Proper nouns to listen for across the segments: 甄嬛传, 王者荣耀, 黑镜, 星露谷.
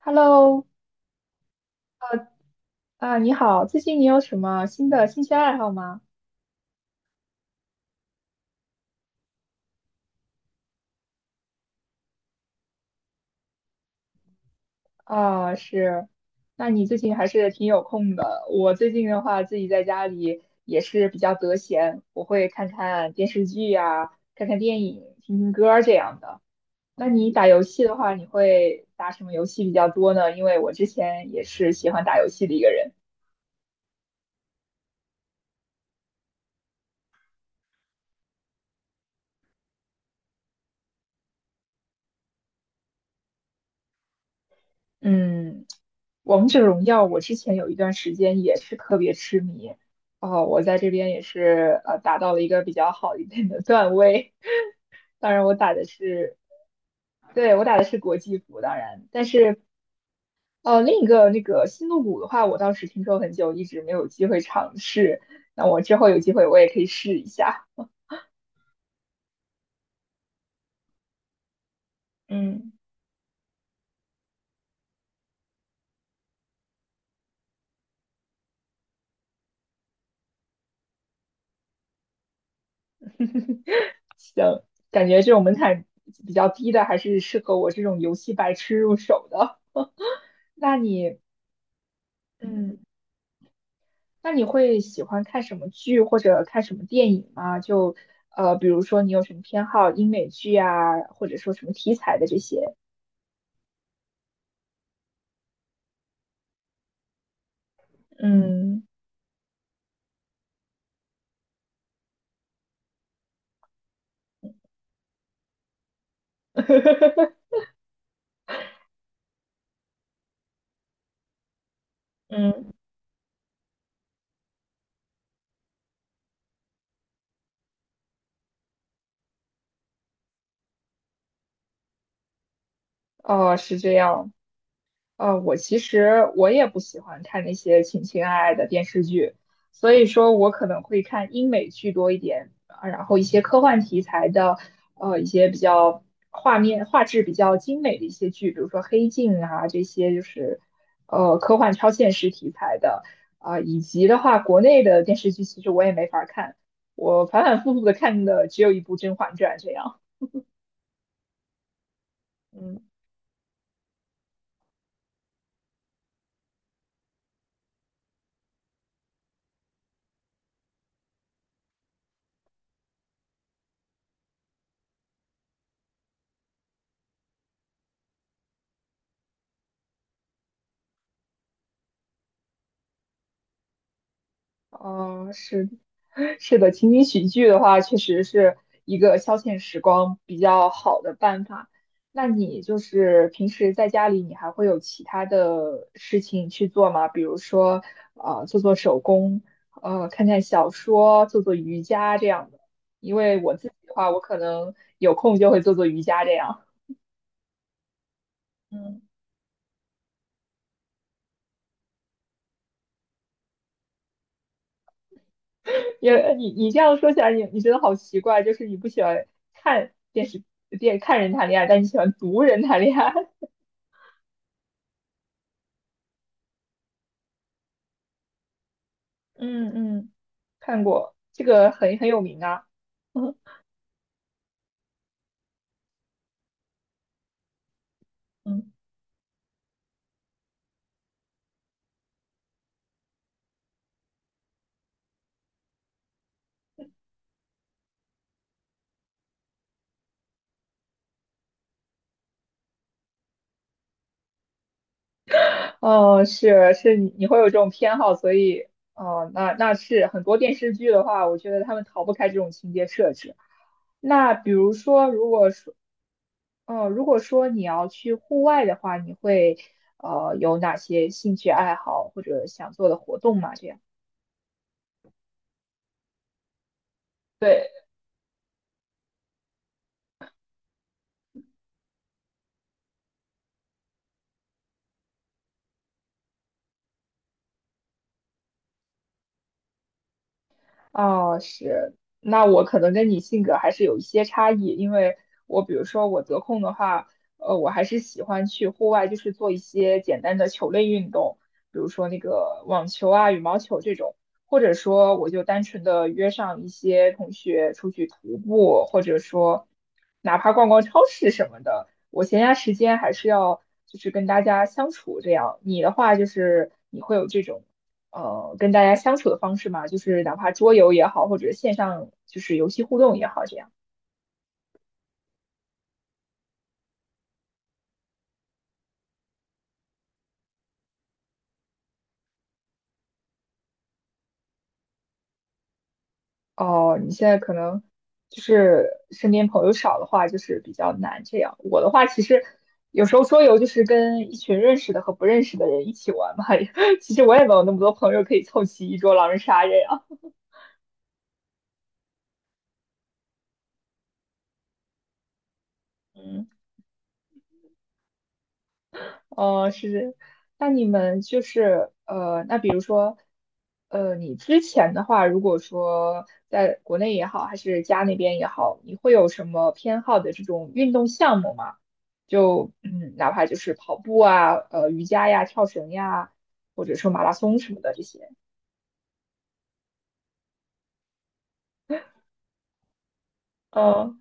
Hello,你好，最近你有什么新的兴趣爱好吗？啊，是，那你最近还是挺有空的。我最近的话，自己在家里也是比较得闲，我会看看电视剧呀，看看电影，听听歌儿这样的。那你打游戏的话，你会打什么游戏比较多呢？因为我之前也是喜欢打游戏的一个人。嗯，王者荣耀，我之前有一段时间也是特别痴迷，哦，我在这边也是达到了一个比较好一点的段位，当然我打的是，对，我打的是国际服，当然，但是另一个那个星露谷的话，我倒是听说很久，一直没有机会尝试，那我之后有机会我也可以试一下，嗯，感觉这种门槛比较低的还是适合我这种游戏白痴入手的，那你？嗯。那你会喜欢看什么剧或者看什么电影吗？就比如说你有什么偏好，英美剧啊，或者说什么题材的这些？嗯 嗯，哦，是这样。我其实我也不喜欢看那些情情爱爱的电视剧，所以说我可能会看英美剧多一点，啊，然后一些科幻题材的，一些比较画面画质比较精美的一些剧，比如说《黑镜》啊这些，就是科幻超现实题材的，啊、以及的话国内的电视剧其实我也没法儿看，我反反复复的看的只有一部《甄嬛传》这样，嗯。嗯，是是的，情景喜剧的话，确实是一个消遣时光比较好的办法。那你就是平时在家里，你还会有其他的事情去做吗？比如说，做做手工，看看小说，做做瑜伽这样的。因为我自己的话，我可能有空就会做做瑜伽这样。嗯。因为你这样说起来，你觉得好奇怪，就是你不喜欢看电视看人谈恋爱，但你喜欢读人谈恋爱。嗯嗯，看过，这个很有名啊。嗯，哦，是是，你你会有这种偏好，所以，哦，那那是很多电视剧的话，我觉得他们逃不开这种情节设置。那比如说，如果说，如果说你要去户外的话，你会，有哪些兴趣爱好或者想做的活动吗？这样。对。哦，是，那我可能跟你性格还是有一些差异，因为我比如说我得空的话，我还是喜欢去户外，就是做一些简单的球类运动，比如说那个网球啊、羽毛球这种，或者说我就单纯的约上一些同学出去徒步，或者说哪怕逛逛超市什么的，我闲暇时间还是要就是跟大家相处这样。你的话就是你会有这种跟大家相处的方式嘛，就是哪怕桌游也好，或者线上就是游戏互动也好，这样。哦，你现在可能就是身边朋友少的话，就是比较难这样。我的话，其实有时候桌游就是跟一群认识的和不认识的人一起玩嘛，其实我也没有那么多朋友可以凑齐一桌狼人杀这样。嗯。哦，是，那你们就是那比如说，你之前的话，如果说在国内也好，还是家那边也好，你会有什么偏好的这种运动项目吗？就嗯，哪怕就是跑步啊，瑜伽呀，跳绳呀，或者说马拉松什么的这些。呃，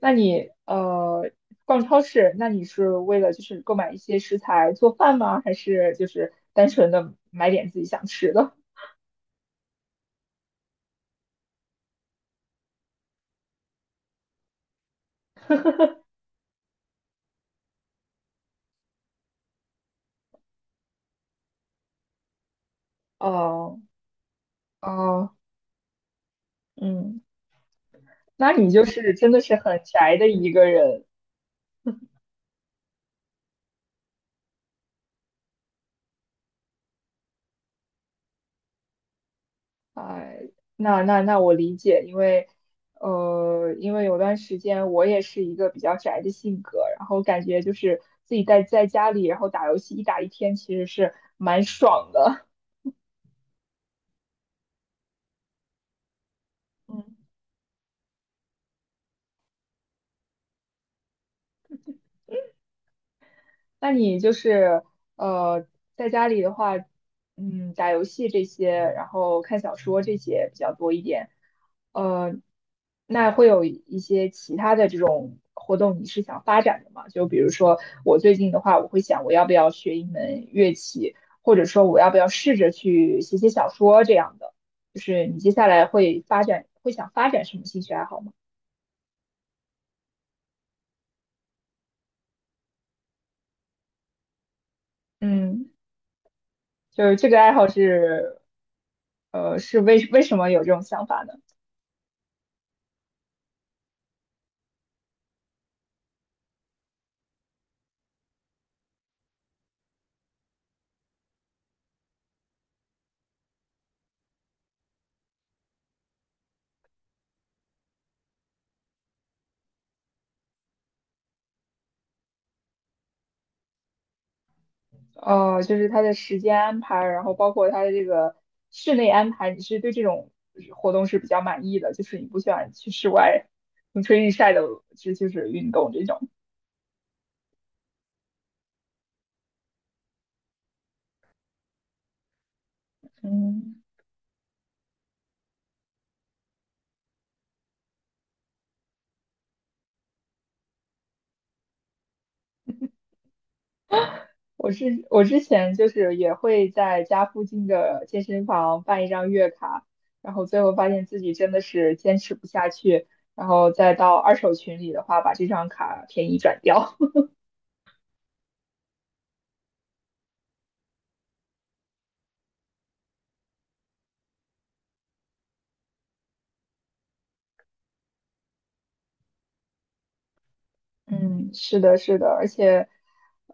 那你逛超市，那你是为了就是购买一些食材做饭吗？还是就是单纯的买点自己想吃的？哦，哦，嗯，那你就是真的是很宅的一个人，哎，那那那我理解，因为，因为有段时间我也是一个比较宅的性格，然后感觉就是自己在家里，然后打游戏一打一天，其实是蛮爽的。嗯那你就是呃，在家里的话，嗯，打游戏这些，然后看小说这些比较多一点。呃，那会有一些其他的这种活动，你是想发展的吗？就比如说我最近的话，我会想我要不要学一门乐器，或者说我要不要试着去写写小说这样的。就是你接下来会发展，会想发展什么兴趣爱好吗？嗯，就是这个爱好是，是为什么有这种想法呢？哦，就是它的时间安排，然后包括它的这个室内安排，你是对这种活动是比较满意的，就是你不喜欢去室外风吹日晒的，这就是运动这种。嗯我是我之前就是也会在家附近的健身房办一张月卡，然后最后发现自己真的是坚持不下去，然后再到二手群里的话，把这张卡便宜转掉。嗯，是的，是的，而且，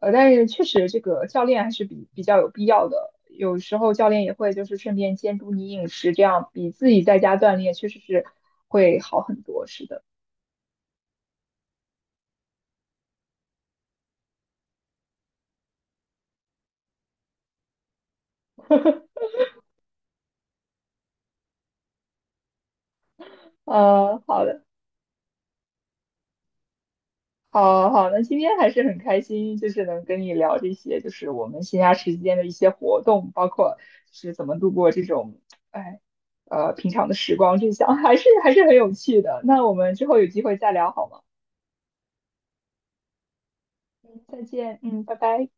但是确实这个教练还是比较有必要的。有时候教练也会就是顺便监督你饮食，这样比自己在家锻炼确实是会好很多。是的，好的，好好，那今天还是很开心，就是能跟你聊这些，就是我们闲暇时间的一些活动，包括是怎么度过这种，哎，平常的时光，这项还是还是很有趣的。那我们之后有机会再聊好吗？嗯，再见，嗯，拜拜。